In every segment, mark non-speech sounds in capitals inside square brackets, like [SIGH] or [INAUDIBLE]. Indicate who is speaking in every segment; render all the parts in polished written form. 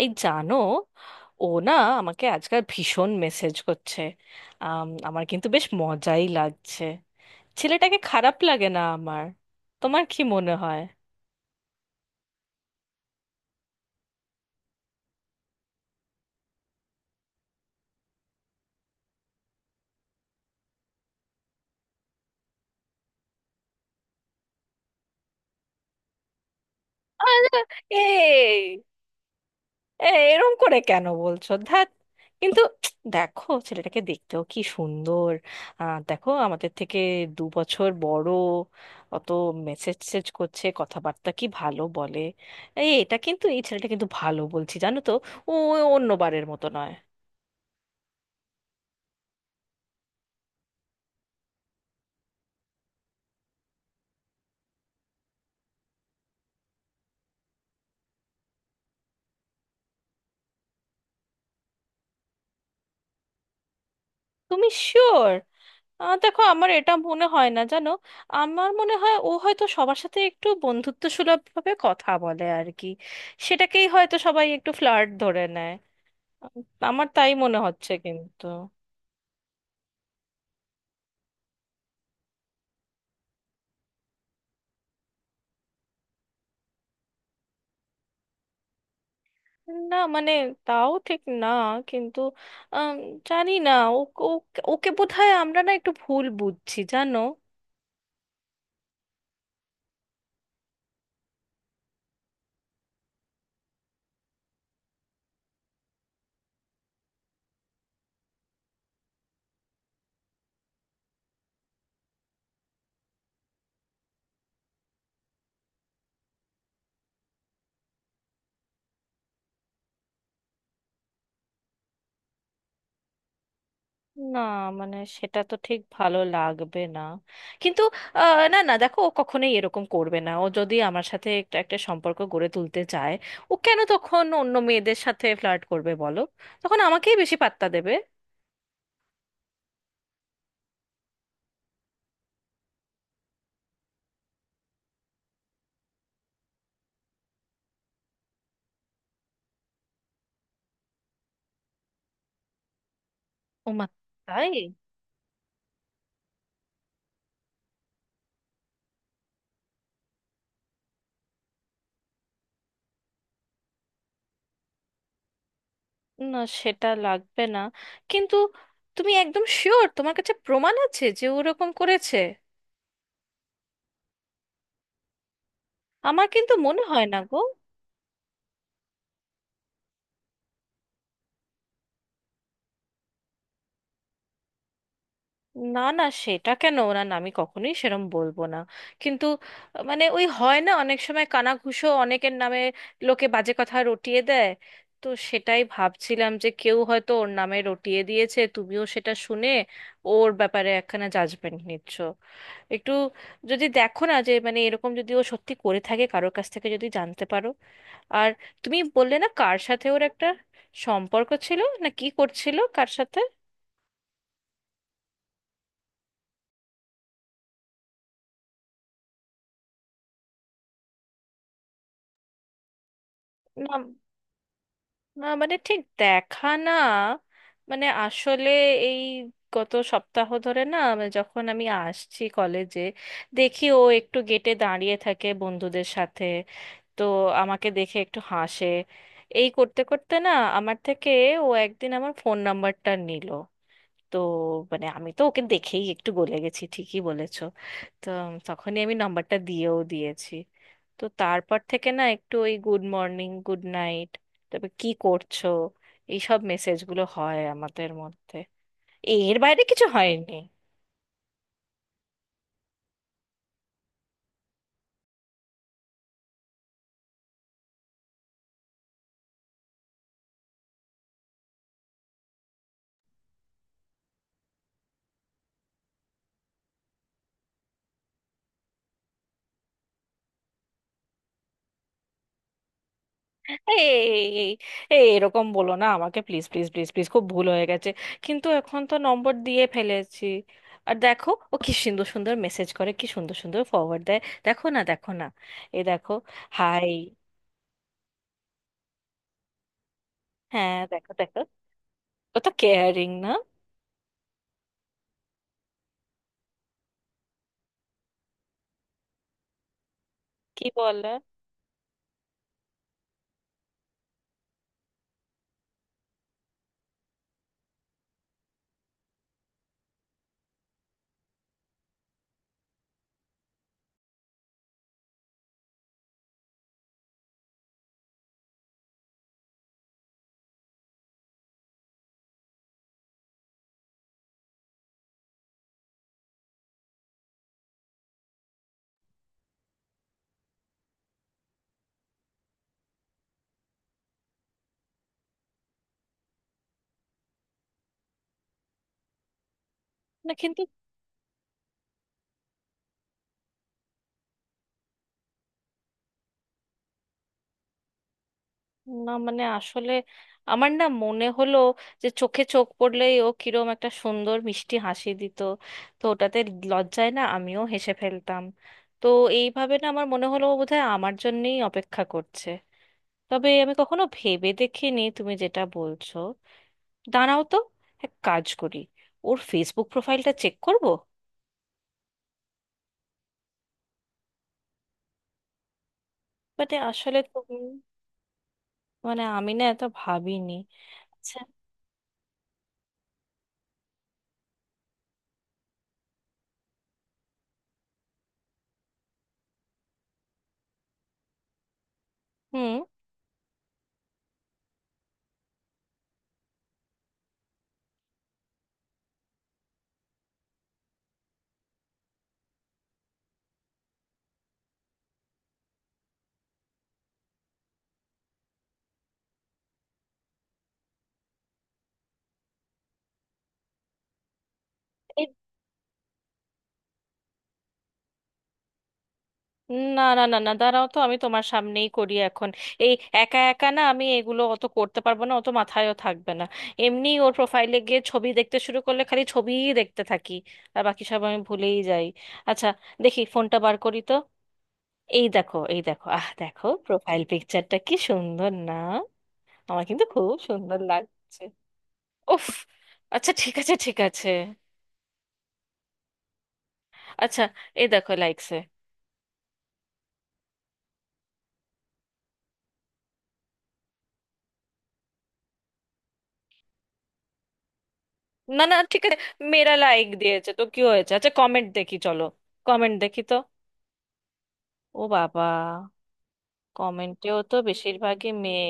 Speaker 1: এই জানো, ও না আমাকে আজকাল ভীষণ মেসেজ করছে। আমার কিন্তু বেশ মজাই লাগছে। ছেলেটাকে খারাপ লাগে না আমার। তোমার কি মনে হয়? আরে, এই এই, এরম করে কেন বলছো? ধ্যাত। কিন্তু দেখো ছেলেটাকে দেখতেও কি সুন্দর! দেখো আমাদের থেকে 2 বছর বড়। অত মেসেজ সেজ করছে, কথাবার্তা কি ভালো বলে! এই ছেলেটা কিন্তু ভালো, বলছি জানো তো, ও অন্যবারের মতো নয়। তুমি শিওর? দেখো আমার এটা মনে হয় না জানো। আমার মনে হয় ও হয়তো সবার সাথে একটু বন্ধুত্ব সুলভ ভাবে কথা বলে আর কি। সেটাকেই হয়তো সবাই একটু ফ্লার্ট ধরে নেয়। উম, আমার তাই মনে হচ্ছে, কিন্তু না মানে তাও ঠিক না, কিন্তু আম, জানি না। ও ও- ওকে বোধহয় আমরা না একটু ভুল বুঝছি জানো। না মানে সেটা তো ঠিক ভালো লাগবে না, কিন্তু না না দেখো ও কখনোই এরকম করবে না। ও যদি আমার সাথে একটা একটা সম্পর্ক গড়ে তুলতে চায়, ও কেন তখন অন্য মেয়েদের সাথে ফ্লার্ট করবে বলো? তখন আমাকেই বেশি পাত্তা দেবে। ওমা, তাই? না, সেটা লাগবে না, কিন্তু তুমি একদম শিওর তোমার কাছে প্রমাণ আছে যে ওরকম করেছে? আমার কিন্তু মনে হয় না গো। না না সেটা কেন, না না, আমি কখনোই সেরম বলবো না, কিন্তু মানে ওই হয় না অনেক সময় কানাঘুষো অনেকের নামে লোকে বাজে কথা রটিয়ে দেয়। তো সেটাই ভাবছিলাম যে কেউ হয়তো ওর নামে রটিয়ে দিয়েছে, তুমিও সেটা শুনে ওর ব্যাপারে একখানা জাজমেন্ট নিচ্ছ একটু। যদি দেখো না যে মানে এরকম যদি ও সত্যি করে থাকে, কারোর কাছ থেকে যদি জানতে পারো। আর তুমি বললে না কার সাথে ওর একটা সম্পর্ক ছিল, না কি করছিল কার সাথে? না, না মানে ঠিক দেখা না, মানে আসলে এই গত সপ্তাহ ধরে না মানে যখন আমি আসছি কলেজে, দেখি ও একটু গেটে দাঁড়িয়ে থাকে বন্ধুদের সাথে। তো আমাকে দেখে একটু হাসে। এই করতে করতে না আমার থেকে ও একদিন আমার ফোন নাম্বারটা নিল। তো মানে আমি তো ওকে দেখেই একটু গলে গেছি, ঠিকই বলেছো। তো তখনই আমি নাম্বারটা দিয়েও দিয়েছি। তো তারপর থেকে না একটু ওই গুড মর্নিং, গুড নাইট, তারপর কি করছো, এইসব মেসেজগুলো হয় আমাদের মধ্যে। এর বাইরে কিছু হয়নি। এই এই এরকম বলো না আমাকে, প্লিজ প্লিজ প্লিজ প্লিজ, খুব ভুল হয়ে গেছে। কিন্তু এখন তো নম্বর দিয়ে ফেলেছি। আর দেখো ও কি সুন্দর সুন্দর মেসেজ করে, কি সুন্দর সুন্দর ফরওয়ার্ড দেয়। দেখো না, দেখো না, এ দেখো। হাই। হ্যাঁ দেখো দেখো। ও তো কেয়ারিং না? কি বলে? না, কিন্তু না মানে আসলে আমার না মনে হলো যে চোখে চোখ পড়লেই ও কিরম একটা সুন্দর মিষ্টি হাসি দিত। তো ওটাতে লজ্জায় না আমিও হেসে ফেলতাম। তো এইভাবে না আমার মনে হলো ও বোধহয় আমার জন্যেই অপেক্ষা করছে। তবে আমি কখনো ভেবে দেখিনি তুমি যেটা বলছো। দাঁড়াও তো, এক কাজ করি, ওর ফেসবুক প্রোফাইলটা চেক করব। মানে আসলে তুমি, মানে আমি না এত ভাবিনি। আচ্ছা। হুম। এই- না না না না দাঁড়াও তো, আমি তোমার সামনেই করি এখন। এই, একা একা না আমি এগুলো অত করতে পারবো না, অত মাথায়ও থাকবে না। এমনি ওর প্রোফাইলে গিয়ে ছবি দেখতে শুরু করলে খালি ছবিই দেখতে থাকি, আর বাকি সব আমি ভুলেই যাই। আচ্ছা, দেখি ফোনটা বার করি তো। এই দেখো, এই দেখো, আহ দেখো প্রোফাইল পিকচারটা কি সুন্দর না? আমার কিন্তু খুব সুন্দর লাগছে। উফ। আচ্ছা ঠিক আছে, ঠিক আছে। আচ্ছা, এই দেখো লাইকস। না না ঠিক আছে, মেয়েরা লাইক দিয়েছে তো কি হয়েছে? আচ্ছা কমেন্ট দেখি, চলো কমেন্ট দেখি তো। ও বাবা, কমেন্টেও তো বেশিরভাগই মেয়ে।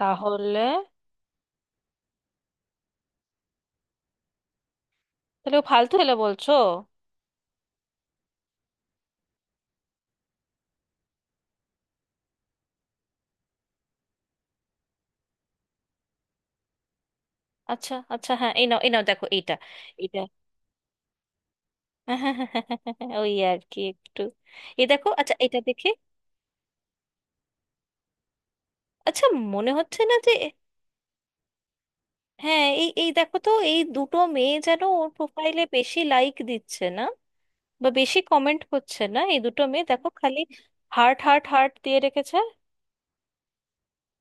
Speaker 1: তাহলে? তাহলে ও ফালতু হলে বলছো? আচ্ছা আচ্ছা, হ্যাঁ এই নাও, এই নাও, দেখো এইটা, এটা। [LAUGHS] ওই আর কি একটু। এই দেখো, আচ্ছা এটা দেখে। আচ্ছা মনে হচ্ছে না যে। হ্যাঁ এই এই দেখো তো, এই দুটো মেয়ে যেন ওর প্রোফাইলে বেশি লাইক দিচ্ছে না বা বেশি কমেন্ট করছে না, এই দুটো মেয়ে দেখো খালি হার্ট হার্ট হার্ট দিয়ে রেখেছে।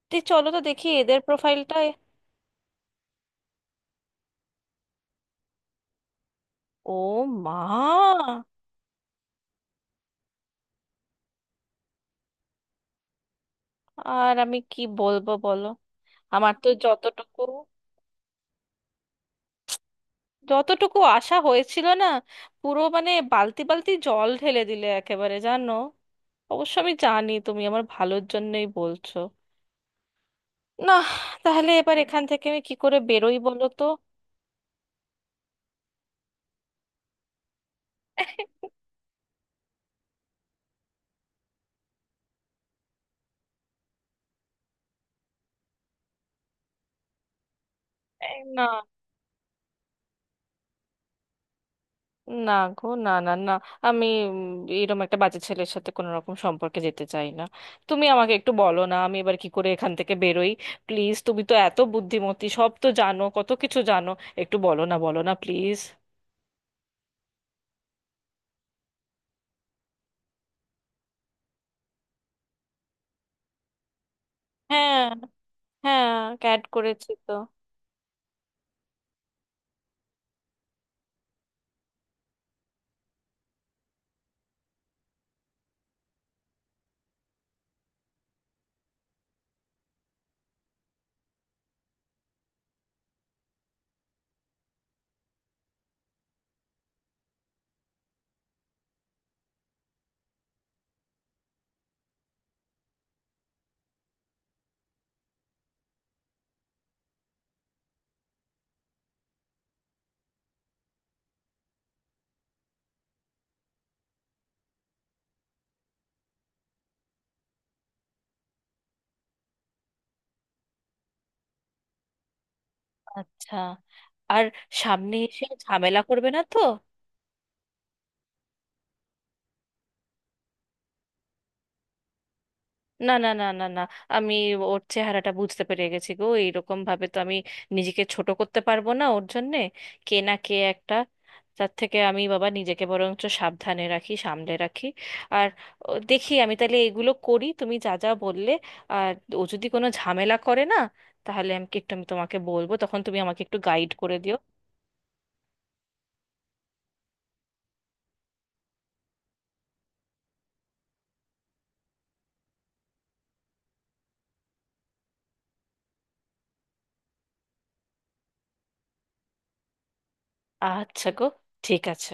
Speaker 1: তুই চলো তো দেখি এদের প্রোফাইলটা। ও মা। আর আমি কি বলবো বলো, আমার তো যতটুকু, যতটুকু আশা হয়েছিল না, পুরো মানে বালতি বালতি জল ঢেলে দিলে একেবারে জানো। অবশ্য আমি জানি তুমি আমার ভালোর জন্যই বলছো। না। তাহলে এবার এখান থেকে আমি কি করে বেরোই বলো তো? এই না, না গো, না না না, আমি এরকম একটা বাজে ছেলের সাথে কোনো রকম সম্পর্কে যেতে চাই না। তুমি আমাকে একটু বলো না আমি এবার কি করে এখান থেকে বেরোই, প্লিজ। তুমি তো এত বুদ্ধিমতী, সব তো জানো, কত কিছু জানো। একটু বলো না, বলো না প্লিজ। হ্যাঁ হ্যাঁ, ক্যাট করেছি তো। আচ্ছা। আর সামনে এসে ঝামেলা করবে না তো? না না না না না, আমি ওর চেহারাটা বুঝতে পেরে গেছি গো। এইরকম ভাবে তো আমি নিজেকে ছোট করতে পারবো না ওর জন্যে। কে না কে একটা। তার থেকে আমি বাবা নিজেকে বরঞ্চ সাবধানে রাখি, সামলে রাখি। আর ও, দেখি আমি তাহলে এগুলো করি তুমি যা যা বললে। আর ও যদি কোনো ঝামেলা করে না, তাহলে আমি তোমাকে বলবো, তখন তুমি আমাকে একটু গাইড করে দিও। আচ্ছা গো, ঠিক আছে।